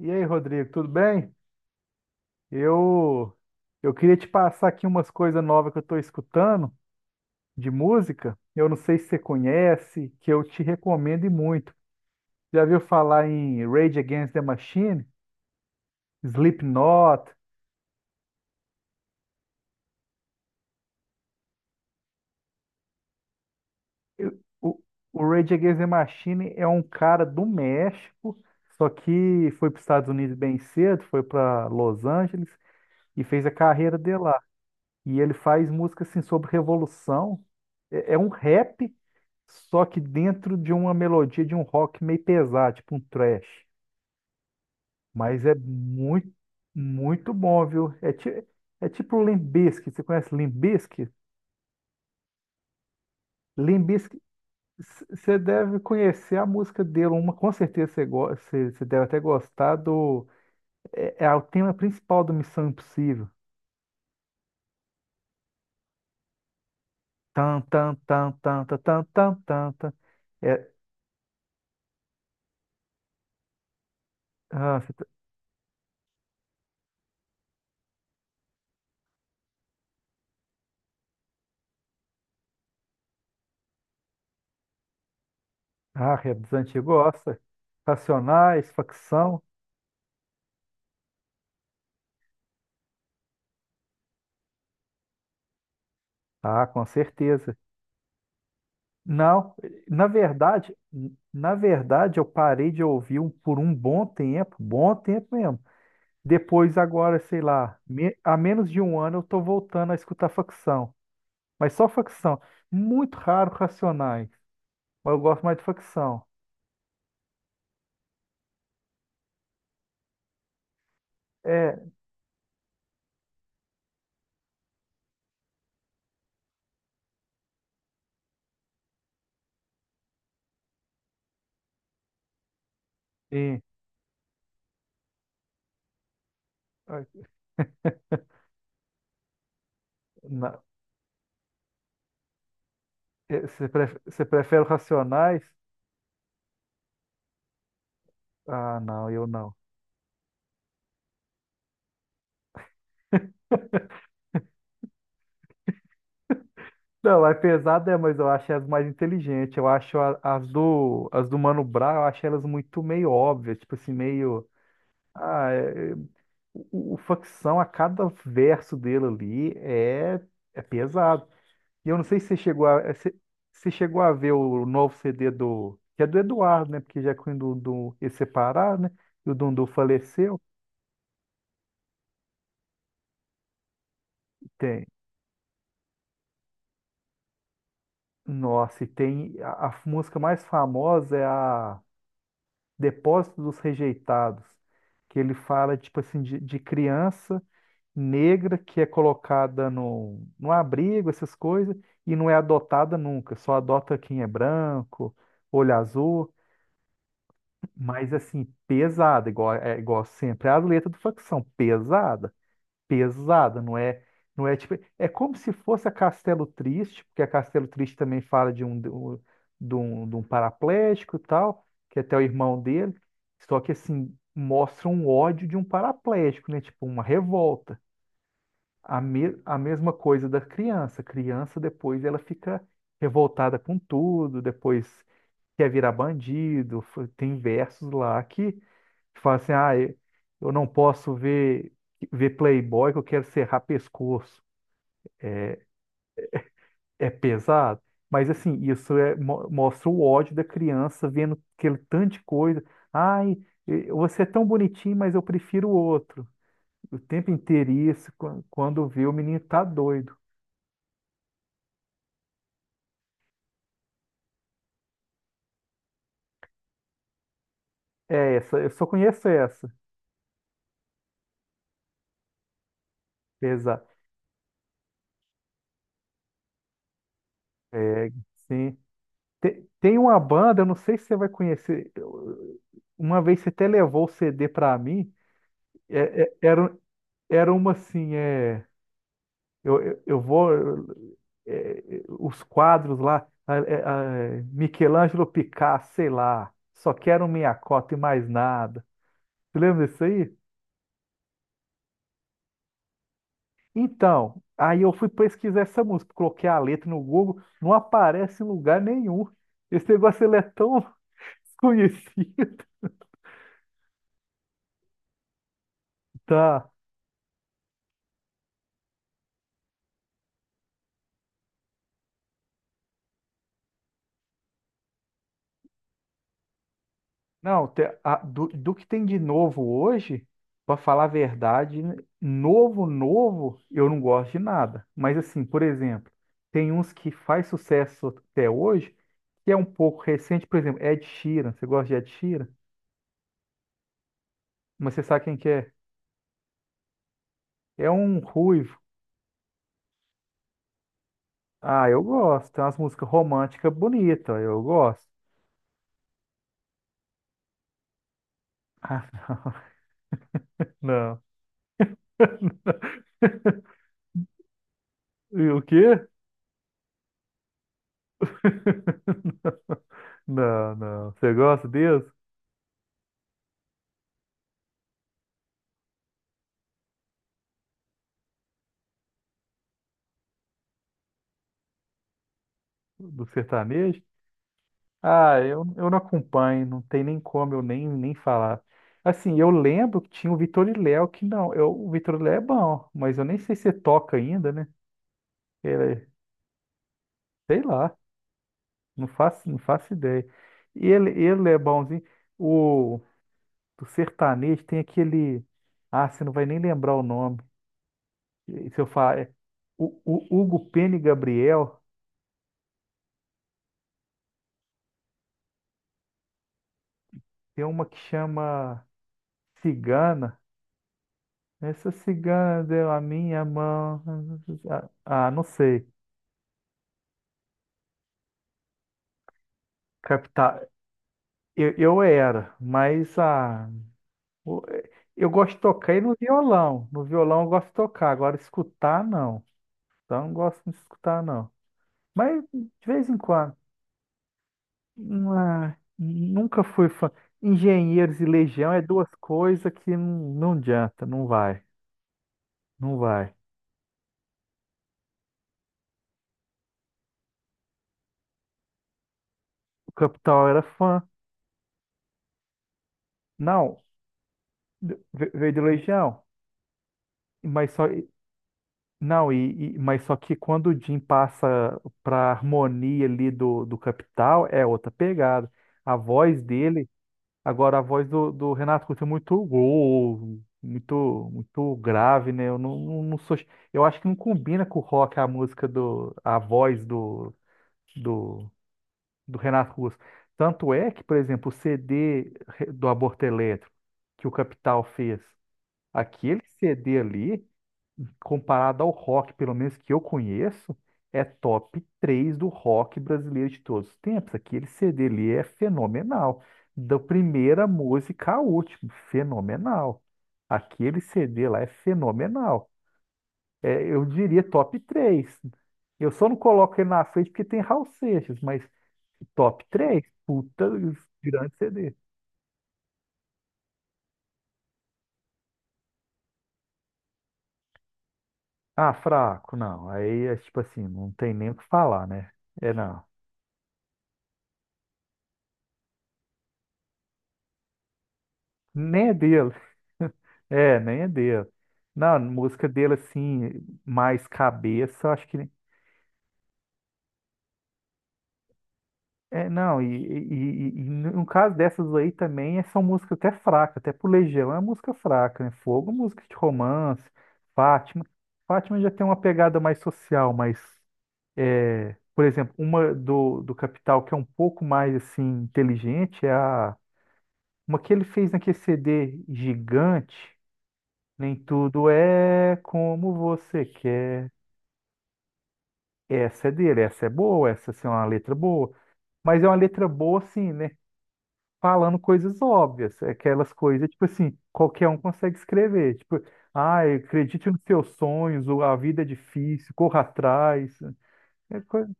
E aí, Rodrigo, tudo bem? Eu eu queria te passar aqui umas coisas novas que eu estou escutando de música. Eu não sei se você conhece, que eu te recomendo e muito. Já viu falar em Rage Against the Machine, Slipknot? Eu- o, o Rage Against the Machine é um cara do México, só que foi para os Estados Unidos bem cedo, foi para Los Angeles e fez a carreira dele lá. E ele faz música assim sobre revolução. É um rap. Só que dentro de uma melodia de um rock meio pesado, tipo um thrash. Mas é muito, muito bom, viu? É tipo o Limp Bizkit. Você conhece Limp Bizkit? Limp Bizkit, você deve conhecer a música dele. Uma, com certeza você, você deve até gostar do... É, é o tema principal do Missão Impossível. Tan, tan, tan, tan, tan, tan, tan, tan, tan. É, ah, você. Ah, é dos antigos, gosta. Racionais, facção. Ah, com certeza. Não, na verdade, na verdade eu parei de ouvir por um bom tempo mesmo. Depois agora, sei lá, há menos de um ano eu tô voltando a escutar facção, mas só facção. Muito raro Racionais, mas eu gosto mais de facção. É, e ah, na- você você prefere Racionais? Ah, não, eu não. Não, é pesada, é, mas eu acho as mais inteligentes. Eu acho as do Mano Brown, eu acho elas muito meio óbvias, tipo assim, meio. Ah, o Facção, a cada verso dele ali é, é pesado. E eu não sei se você chegou a se chegou a ver o novo CD do. Que é do Eduardo, né? Porque já quando o Dundu eles separar, né? E o Dundu faleceu. Tem. Nossa, e tem. A música mais famosa é a. Depósito dos Rejeitados, que ele fala, tipo assim, de criança negra que é colocada no abrigo, essas coisas, e não é adotada nunca, só adota quem é branco, olho azul, mas assim, pesada, igual, é, igual sempre, as letras do facção, pesada pesada, não é, não é tipo, é como se fosse a Castelo Triste, porque a Castelo Triste também fala de um paraplégico e tal, que é até o irmão dele, só que assim, mostra um ódio de um paraplégico, né? Tipo, uma revolta. A mesma coisa da criança. A criança depois ela fica revoltada com tudo, depois quer virar bandido, tem versos lá que fala assim, ah, eu não posso ver, ver Playboy que eu quero serrar pescoço. É pesado, mas assim, isso é, mostra o ódio da criança vendo aquele tanto de coisa. Ai, você é tão bonitinho, mas eu prefiro o outro. O tempo inteiro isso, quando vê o menino tá doido. É essa, eu só conheço essa. Pesado. É, sim. Tem uma banda, eu não sei se você vai conhecer. Uma vez você até levou o CD pra mim. É- é- Era, um, era uma assim, é, Eu vou, os quadros lá, Michelangelo Picasso, sei lá, só quero minha cota e mais nada. Você lembra disso aí? Então, aí eu fui pesquisar essa música, coloquei a letra no Google, não aparece em lugar nenhum. Esse negócio ele é tão desconhecido. Tá. Não, do, do que tem de novo hoje, para falar a verdade, novo, novo, eu não gosto de nada. Mas assim, por exemplo, tem uns que faz sucesso até hoje, que é um pouco recente, por exemplo, Ed Sheeran. Você gosta de Ed Sheeran? Mas você sabe quem que é? É um ruivo. Ah, eu gosto. Tem umas músicas românticas bonitas, eu gosto. Ah, não. E o quê? Não, não. Você gosta deles? Do sertanejo? Ah, eu não acompanho, não tem nem como eu nem falar. Assim, eu lembro que tinha o Vitor e Léo, que não, eu, o Vitor e Léo é bom, mas eu nem sei se toca ainda, né? Ele, sei lá, não faço, não faço ideia. Ele é bonzinho. O do sertanejo tem aquele. Ah, você não vai nem lembrar o nome. E se eu falar. É, o Hugo Pena e Gabriel tem uma que chama Cigana. Essa cigana deu a minha mão. Ah, ah, não sei. Captar. Eu era, mas ah, o- eu gosto de tocar e no violão. No violão eu gosto de tocar, agora escutar não. Então não gosto de escutar não. Mas de vez em quando. Ah, nunca fui fã. Engenheiros e Legião é duas coisas que não, não adianta, não vai, não vai. O Capital era fã. Não, ve- veio de Legião, mas só. Não, mas só que quando o Jim passa para harmonia ali do Capital, é outra pegada. A voz dele, agora a voz do Renato Russo é muito gol, muito muito grave, né? Eu não, não, não sou, eu acho que não combina com o rock a música do a voz do, do Renato Russo. Tanto é que, por exemplo, o CD do Aborto Elétrico que o Capital fez, aquele CD ali comparado ao rock, pelo menos que eu conheço, é top 3 do rock brasileiro de todos os tempos. Aquele CD ali é fenomenal. Da primeira música à última, fenomenal. Aquele CD lá é fenomenal. É, eu diria top 3. Eu só não coloco ele na frente porque tem Raul Seixas, mas top 3. Puta, grande CD. Ah, fraco, não. Aí é tipo assim, não tem nem o que falar, né? É não. Nem é dele. É, nem é dele. Não, música dele, assim, mais cabeça, eu acho que. É, não, e no caso dessas aí também, é, são músicas até fracas, até pro Legião é música fraca, né? Fogo, música de romance, Fátima. Fátima já tem uma pegada mais social, mas, é, por exemplo, uma do Capital que é um pouco mais, assim, inteligente é a. Uma que ele fez naquele CD gigante, Nem Tudo É Como Você Quer. Essa é dele, essa é boa, essa assim, é uma letra boa, mas é uma letra boa assim, né? Falando coisas óbvias, aquelas coisas, tipo assim, qualquer um consegue escrever, tipo, ah, acredite nos seus sonhos, ou a vida é difícil, corra atrás, é coisa,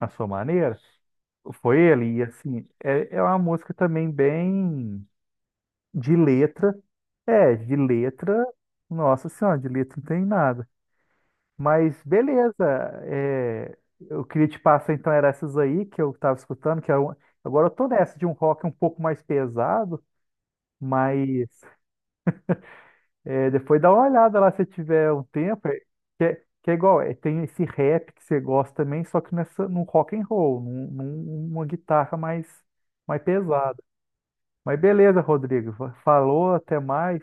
na sua maneira. Foi ele, e assim, é uma música também bem de letra, é, de letra, nossa senhora, de letra não tem nada. Mas beleza, é, eu queria te passar então era essas aí que eu estava escutando, agora eu tô nessa de um rock um pouco mais pesado, mas é, depois dá uma olhada lá se tiver um tempo, que, é, que é igual, é, tem esse rap que você gosta também, só que nessa, num rock and roll, num, num- numa guitarra mais, mais pesada. Mas beleza, Rodrigo, falou, até mais,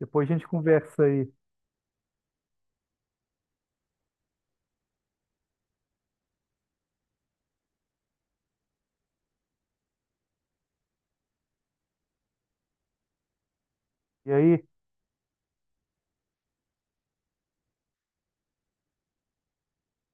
depois a gente conversa aí. E aí?